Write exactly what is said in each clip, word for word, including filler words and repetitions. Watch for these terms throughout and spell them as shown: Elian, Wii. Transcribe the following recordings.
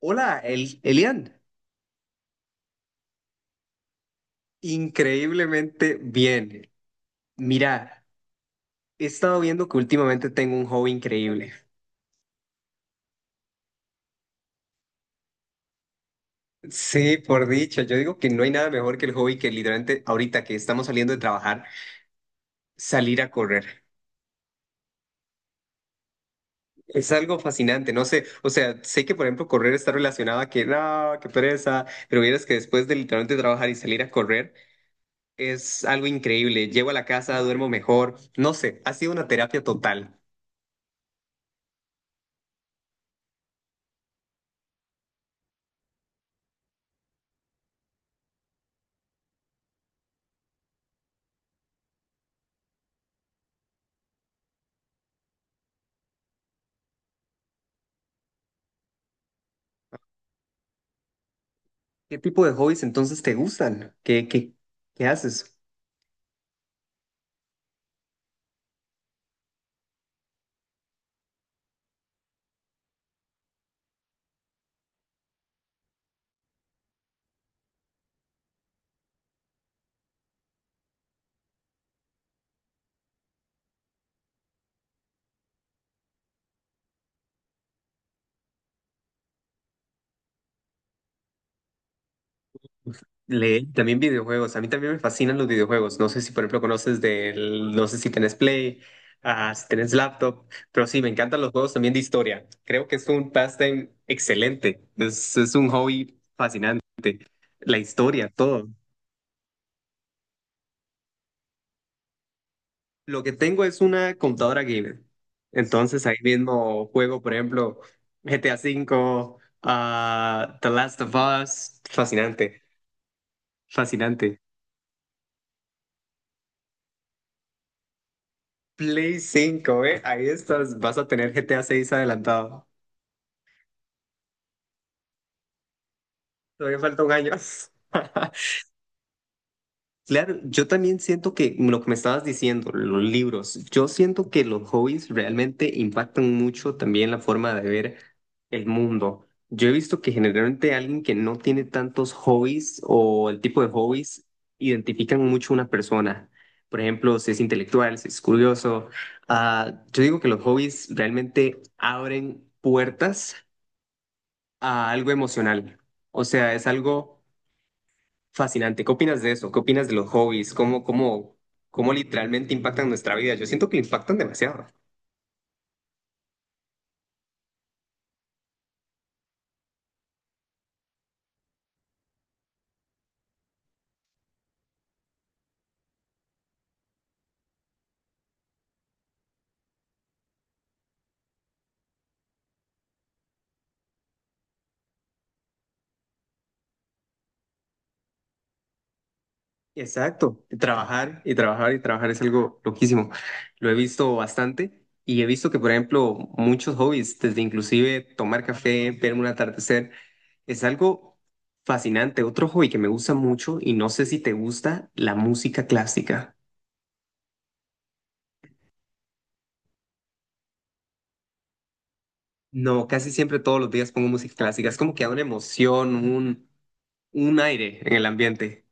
Hola, El- Elian. Increíblemente bien. Mira, he estado viendo que últimamente tengo un hobby increíble. Sí, por dicho, yo digo que no hay nada mejor que el hobby que literalmente ahorita que estamos saliendo de trabajar, salir a correr. Es algo fascinante, no sé, o sea, sé que por ejemplo correr está relacionado a que no, qué pereza, pero vieras que después de literalmente trabajar y salir a correr es algo increíble. Llego a la casa, duermo mejor, no sé, ha sido una terapia total. ¿Qué tipo de hobbies entonces te gustan? ¿Qué, qué, qué haces? Leer, también videojuegos. A mí también me fascinan los videojuegos. No sé si, por ejemplo, conoces del, no sé si tenés Play, ah, si tenés laptop, pero sí, me encantan los juegos también de historia. Creo que es un pastime excelente. Es, es un hobby fascinante. La historia, todo. Lo que tengo es una computadora gamer. Entonces ahí mismo juego, por ejemplo, G T A cinco, ah, The Last of Us. Fascinante, fascinante. Play cinco, ¿eh? Ahí estás, vas a tener G T A seis adelantado. Todavía falta un año. Claro, yo también siento que lo que me estabas diciendo, los libros, yo siento que los hobbies realmente impactan mucho también la forma de ver el mundo. Yo he visto que generalmente alguien que no tiene tantos hobbies o el tipo de hobbies identifican mucho a una persona. Por ejemplo, si es intelectual, si es curioso. Ah, yo digo que los hobbies realmente abren puertas a algo emocional. O sea, es algo fascinante. ¿Qué opinas de eso? ¿Qué opinas de los hobbies? ¿Cómo, cómo, cómo literalmente impactan nuestra vida? Yo siento que impactan demasiado. Exacto. Trabajar y trabajar y trabajar es algo loquísimo. Lo he visto bastante y he visto que, por ejemplo, muchos hobbies, desde inclusive tomar café, ver un atardecer, es algo fascinante. Otro hobby que me gusta mucho y no sé si te gusta, la música clásica. No, casi siempre todos los días pongo música clásica. Es como que da una emoción, un, un aire en el ambiente.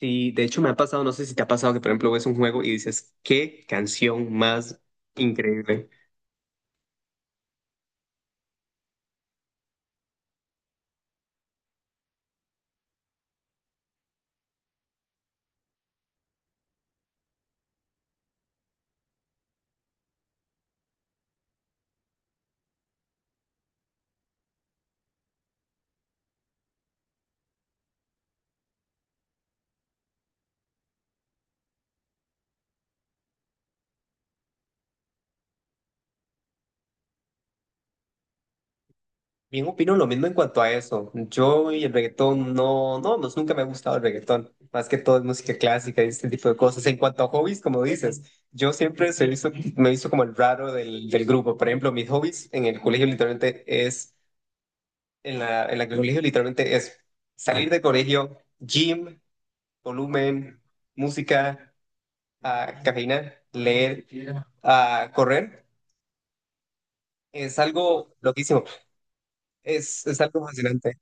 Y de hecho me ha pasado, no sé si te ha pasado que por ejemplo ves un juego y dices, qué canción más increíble. Bien opino lo mismo en cuanto a eso. Yo y el reggaetón no, no, pues nunca me ha gustado el reggaetón. Más que todo es música clásica y este tipo de cosas. En cuanto a hobbies, como dices, yo siempre se hizo- me hizo como el raro del, del grupo. Por ejemplo, mis hobbies en el colegio literalmente es en la, en la que el colegio literalmente es salir de colegio, gym, volumen, música, ah, cafeína, leer, ah, correr. Es algo loquísimo, es, es algo fascinante.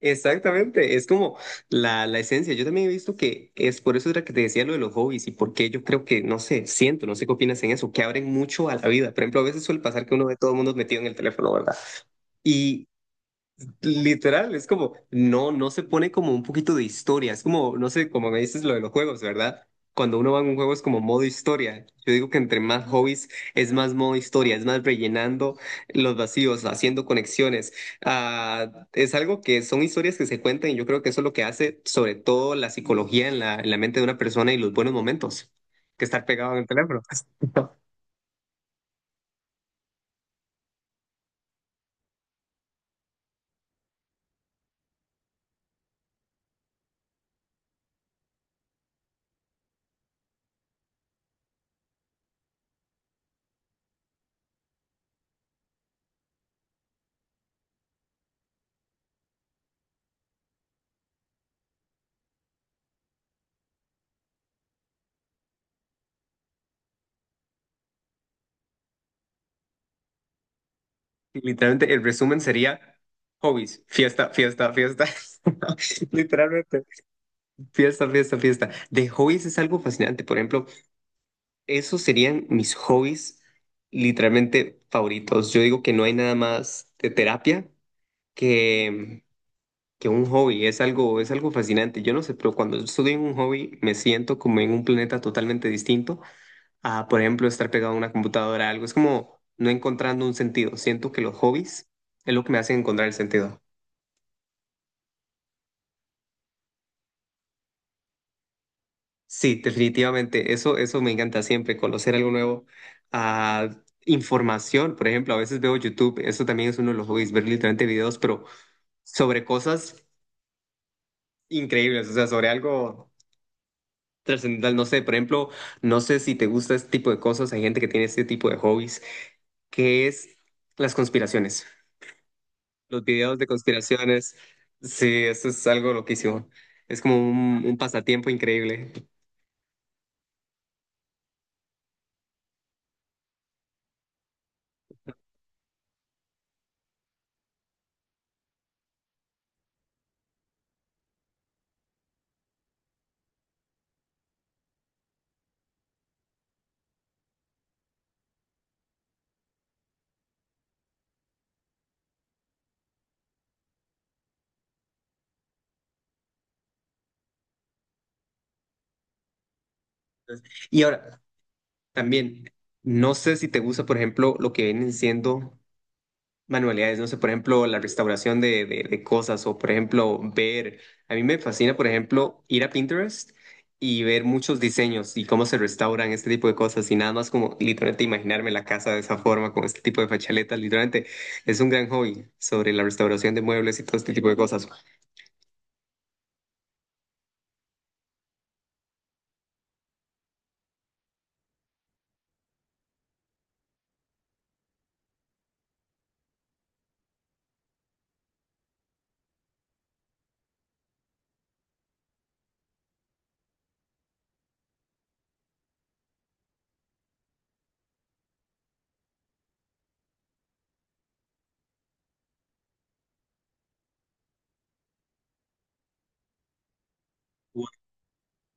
Exactamente, es como la, la esencia. Yo también he visto que es por eso era que te decía lo de los hobbies y porque yo creo que, no sé, siento, no sé qué opinas en eso, que abren mucho a la vida. Por ejemplo, a veces suele pasar que uno ve todo el mundo metido en el teléfono, ¿verdad? Y literal, es como, no, no se pone como un poquito de historia, es como, no sé, como me dices lo de los juegos, ¿verdad? Cuando uno va a un juego es como modo historia. Yo digo que entre más hobbies es más modo historia, es más rellenando los vacíos, haciendo conexiones. Ah, es algo que son historias que se cuentan y yo creo que eso es lo que hace sobre todo la psicología en la, en la mente de una persona y los buenos momentos, que estar pegado en el teléfono. Literalmente, el resumen sería hobbies, fiesta, fiesta, fiesta. Literalmente. Fiesta, fiesta, fiesta. De hobbies es algo fascinante. Por ejemplo, esos serían mis hobbies literalmente favoritos. Yo digo que no hay nada más de terapia que, que un hobby. Es algo, es algo fascinante. Yo no sé, pero cuando estoy en un hobby me siento como en un planeta totalmente distinto a, por ejemplo, estar pegado a una computadora, algo. Es como no encontrando un sentido. Siento que los hobbies es lo que me hacen encontrar el sentido. Sí, definitivamente. Eso, eso me encanta siempre, conocer algo nuevo. Ah, información, por ejemplo, a veces veo YouTube, eso también es uno de los hobbies, ver literalmente videos, pero sobre cosas increíbles, o sea, sobre algo trascendental. No sé, por ejemplo, no sé si te gusta este tipo de cosas, hay gente que tiene este tipo de hobbies, que es las conspiraciones, los videos de conspiraciones. Sí, eso es algo loquísimo. Es como un, un pasatiempo increíble. Y ahora, también, no sé si te gusta, por ejemplo, lo que vienen siendo manualidades, no sé, por ejemplo, la restauración de, de- de cosas o, por ejemplo, ver, a mí me fascina, por ejemplo, ir a Pinterest y ver muchos diseños y cómo se restauran este tipo de cosas y nada más como literalmente imaginarme la casa de esa forma, con este tipo de fachaletas, literalmente es un gran hobby sobre la restauración de muebles y todo este tipo de cosas.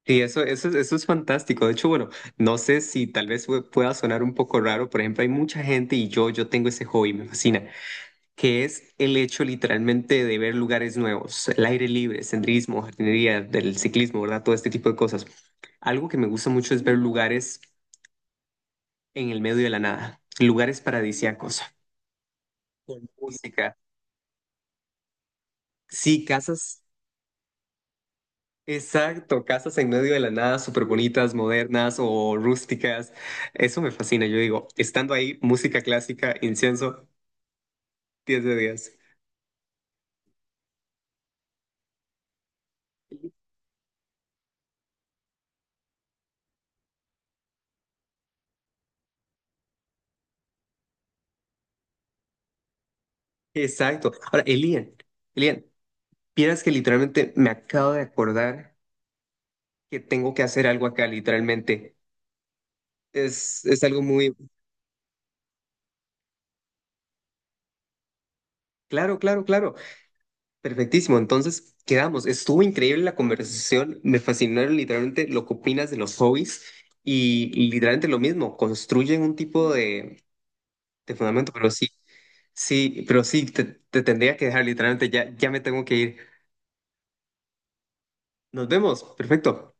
Y eso, eso, es- eso es fantástico. De hecho, bueno, no sé si tal vez pue- pueda sonar un poco raro. Por ejemplo, hay mucha gente y yo, yo tengo ese hobby, me fascina, que es el hecho literalmente de ver lugares nuevos, el aire libre, senderismo, jardinería, del ciclismo, ¿verdad? Todo este tipo de cosas. Algo que me gusta mucho es ver lugares en el medio de la nada, lugares paradisíacos, con música. Sí, casas. Exacto, casas en medio de la nada, súper bonitas, modernas o rústicas. Eso me fascina, yo digo, estando ahí, música clásica, incienso, diez de diez. Exacto. Ahora, Elian, Elian, vieras que literalmente me acabo de acordar que tengo que hacer algo acá, literalmente. Es, es algo muy... Claro, claro, claro. Perfectísimo. Entonces, quedamos. Estuvo increíble la conversación. Me fascinaron literalmente lo que opinas de los hobbies y y literalmente lo mismo, construyen un tipo de de fundamento, pero sí, sí, pero sí, te, te tendría que dejar literalmente, ya, ya me tengo que ir. Nos vemos, perfecto.